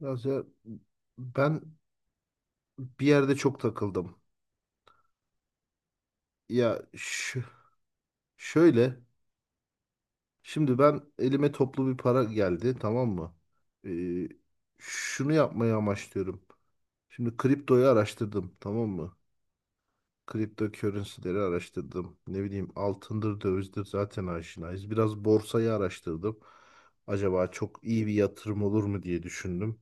Mesela ben bir yerde çok takıldım. Ya şu, şöyle. Şimdi ben elime toplu bir para geldi, tamam mı? Ee, şunu yapmayı amaçlıyorum. Şimdi kriptoyu araştırdım, tamam mı? Kripto currency'leri araştırdım. Ne bileyim altındır dövizdir zaten aşinayız. Biraz borsayı araştırdım. Acaba çok iyi bir yatırım olur mu diye düşündüm.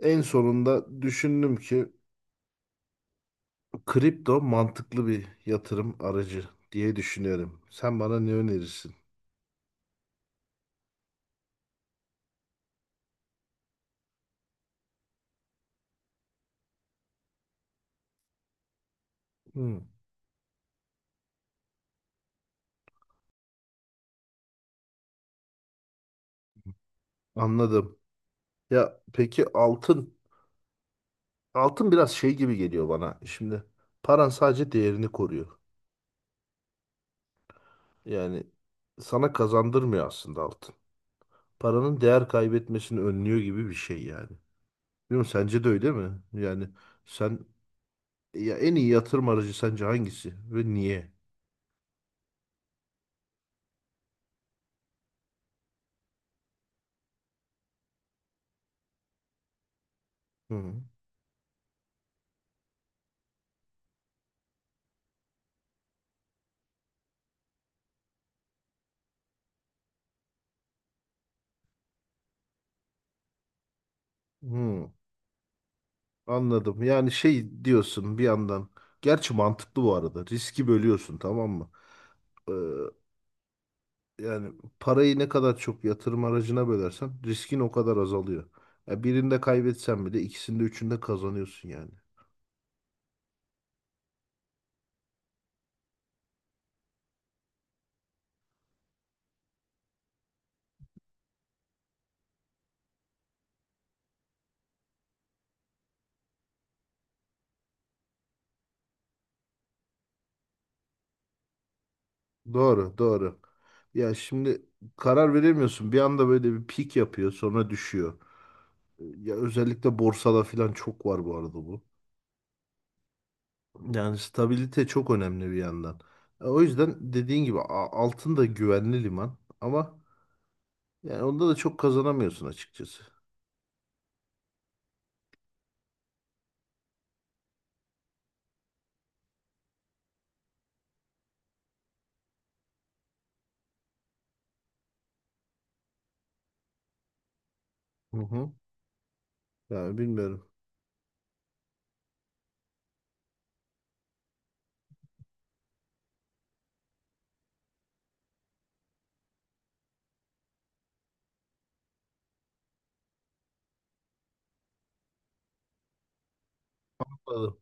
En sonunda düşündüm ki kripto mantıklı bir yatırım aracı diye düşünüyorum. Sen bana ne önerirsin? Hmm, anladım. Ya peki altın? Altın biraz şey gibi geliyor bana. Şimdi paran sadece değerini koruyor. Yani sana kazandırmıyor aslında altın. Paranın değer kaybetmesini önlüyor gibi bir şey yani. Bilmiyorum, sence de öyle mi? Yani sen, ya en iyi yatırım aracı sence hangisi ve niye? Hı. Hı. Anladım. Yani şey diyorsun bir yandan. Gerçi mantıklı bu arada. Riski bölüyorsun, tamam mı? Ee, yani parayı ne kadar çok yatırım aracına bölersen riskin o kadar azalıyor. Ya birinde kaybetsen bile ikisinde üçünde kazanıyorsun yani. Doğru, doğru. Ya şimdi karar veremiyorsun. Bir anda böyle bir pik yapıyor, sonra düşüyor. Ya özellikle borsada falan çok var bu arada bu. Yani stabilite çok önemli bir yandan. O yüzden dediğin gibi altın da güvenli liman ama yani onda da çok kazanamıyorsun açıkçası. Hı hı. Yani bilmiyorum. Anladım.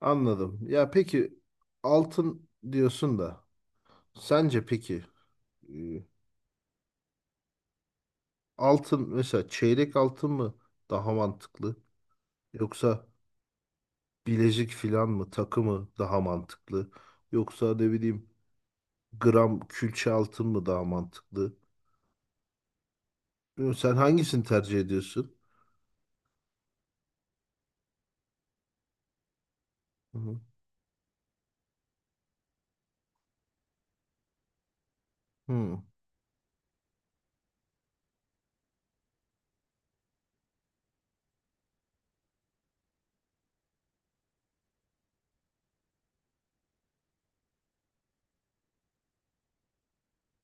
Anladım. Ya peki altın diyorsun da sence peki e, altın mesela çeyrek altın mı daha mantıklı yoksa bilezik filan mı, takı mı daha mantıklı yoksa ne bileyim gram külçe altın mı daha mantıklı? Bilmiyorum, sen hangisini tercih ediyorsun? Hı hı,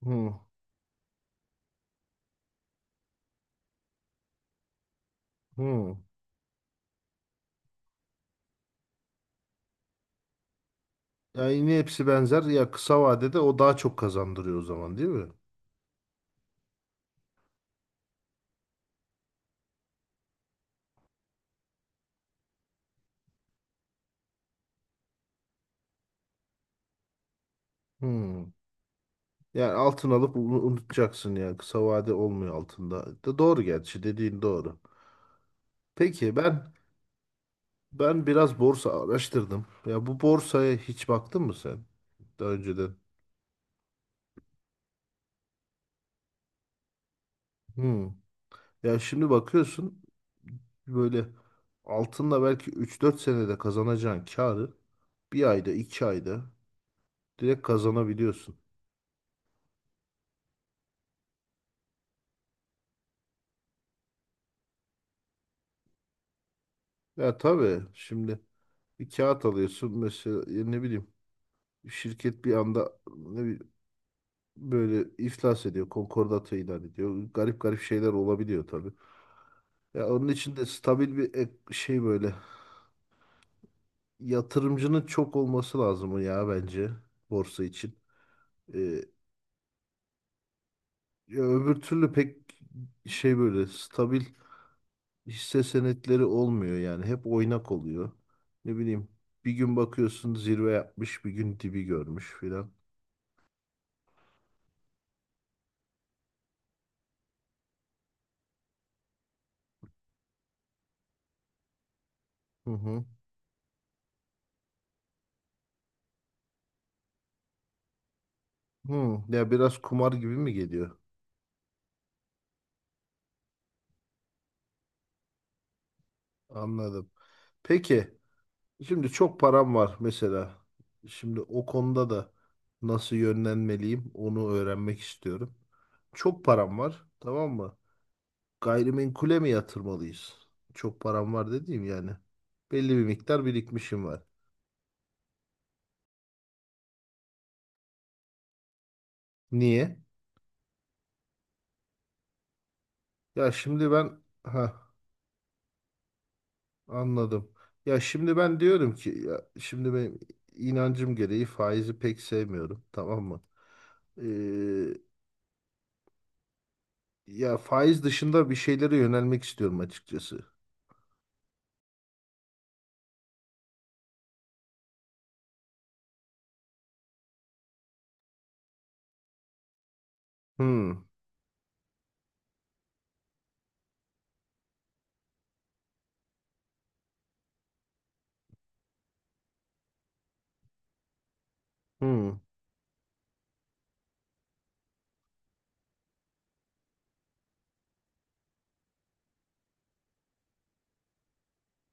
hı hı. Yani yine hepsi benzer. Ya kısa vadede o daha çok kazandırıyor o zaman, değil mi? Hmm. Yani altın alıp unutacaksın yani kısa vade olmuyor altında, da doğru gerçi, dediğin doğru. Peki ben biraz borsa araştırdım. Ya bu borsaya hiç baktın mı sen daha önceden? Hmm. Ya şimdi bakıyorsun böyle altınla belki 3-4 senede kazanacağın karı bir ayda 2 ayda direkt kazanabiliyorsun. Ya tabii şimdi bir kağıt alıyorsun mesela, ya ne bileyim şirket bir anda, ne bileyim, böyle iflas ediyor, konkordato ilan ediyor. Garip garip şeyler olabiliyor tabii. Ya onun için de stabil bir şey, böyle yatırımcının çok olması lazım ya bence borsa için. Ya öbür türlü pek şey, böyle stabil hisse senetleri olmuyor yani. Hep oynak oluyor. Ne bileyim bir gün bakıyorsun zirve yapmış, bir gün dibi görmüş filan. Hı hı. Hı. Ya biraz kumar gibi mi geliyor? Anladım. Peki şimdi çok param var mesela. Şimdi o konuda da nasıl yönlenmeliyim onu öğrenmek istiyorum. Çok param var, tamam mı? Gayrimenkule mi yatırmalıyız? Çok param var dediğim yani. Belli bir miktar birikmişim var. Niye? Ya şimdi ben, ha, anladım. Ya şimdi ben diyorum ki ya şimdi benim inancım gereği faizi pek sevmiyorum, tamam mı? Ee, ya faiz dışında bir şeylere yönelmek istiyorum açıkçası. Hmm. Hmm.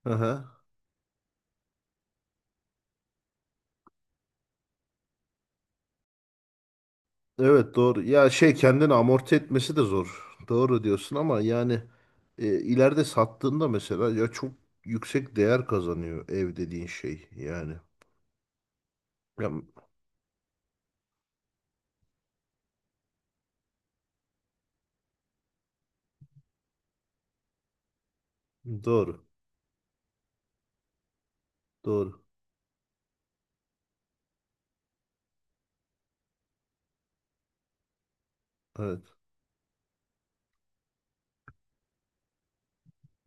Aha. Evet, doğru. Ya şey, kendini amorti etmesi de zor. Doğru diyorsun ama yani ileride sattığında mesela ya çok yüksek değer kazanıyor ev dediğin şey yani. Ya, doğru. Doğru. Evet.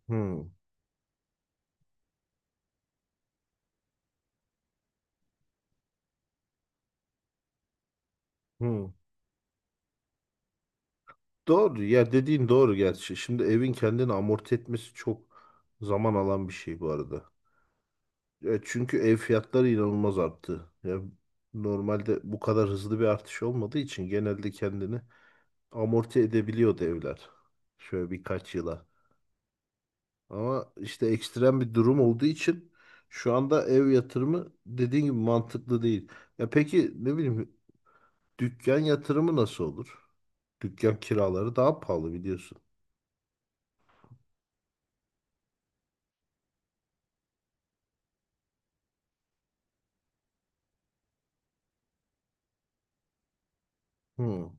Hmm, hmm. Doğru. Ya dediğin doğru gerçi. Şimdi evin kendini amorti etmesi çok zaman alan bir şey bu arada. Ya çünkü ev fiyatları inanılmaz arttı. Ya normalde bu kadar hızlı bir artış olmadığı için genelde kendini amorti edebiliyordu evler. Şöyle birkaç yıla. Ama işte ekstrem bir durum olduğu için şu anda ev yatırımı dediğin gibi mantıklı değil. Ya peki ne bileyim dükkan yatırımı nasıl olur? Dükkan kiraları daha pahalı biliyorsun. Hmm,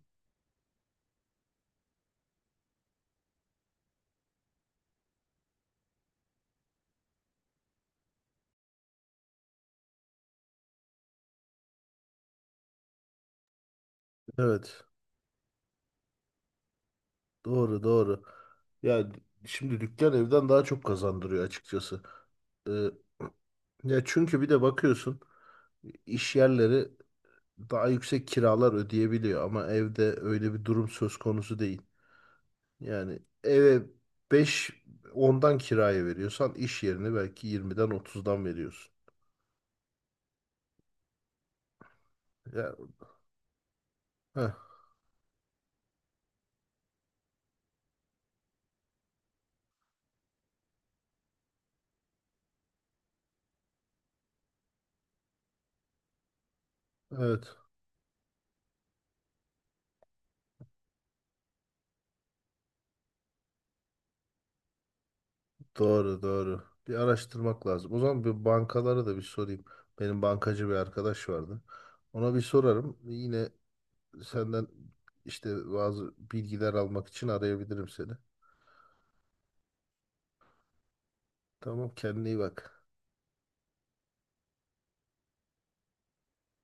evet. Doğru, doğru. Ya şimdi dükkan evden daha çok kazandırıyor açıkçası. Ee, ya çünkü bir de bakıyorsun iş yerleri daha yüksek kiralar ödeyebiliyor ama evde öyle bir durum söz konusu değil. Yani eve 5 10'dan kiraya veriyorsan iş yerine belki 20'den 30'dan veriyorsun. Ya, heh, evet, doğru doğru. Bir araştırmak lazım. O zaman bir bankalara da bir sorayım. Benim bankacı bir arkadaş vardı. Ona bir sorarım. Yine senden işte bazı bilgiler almak için arayabilirim seni. Tamam, kendine iyi bak.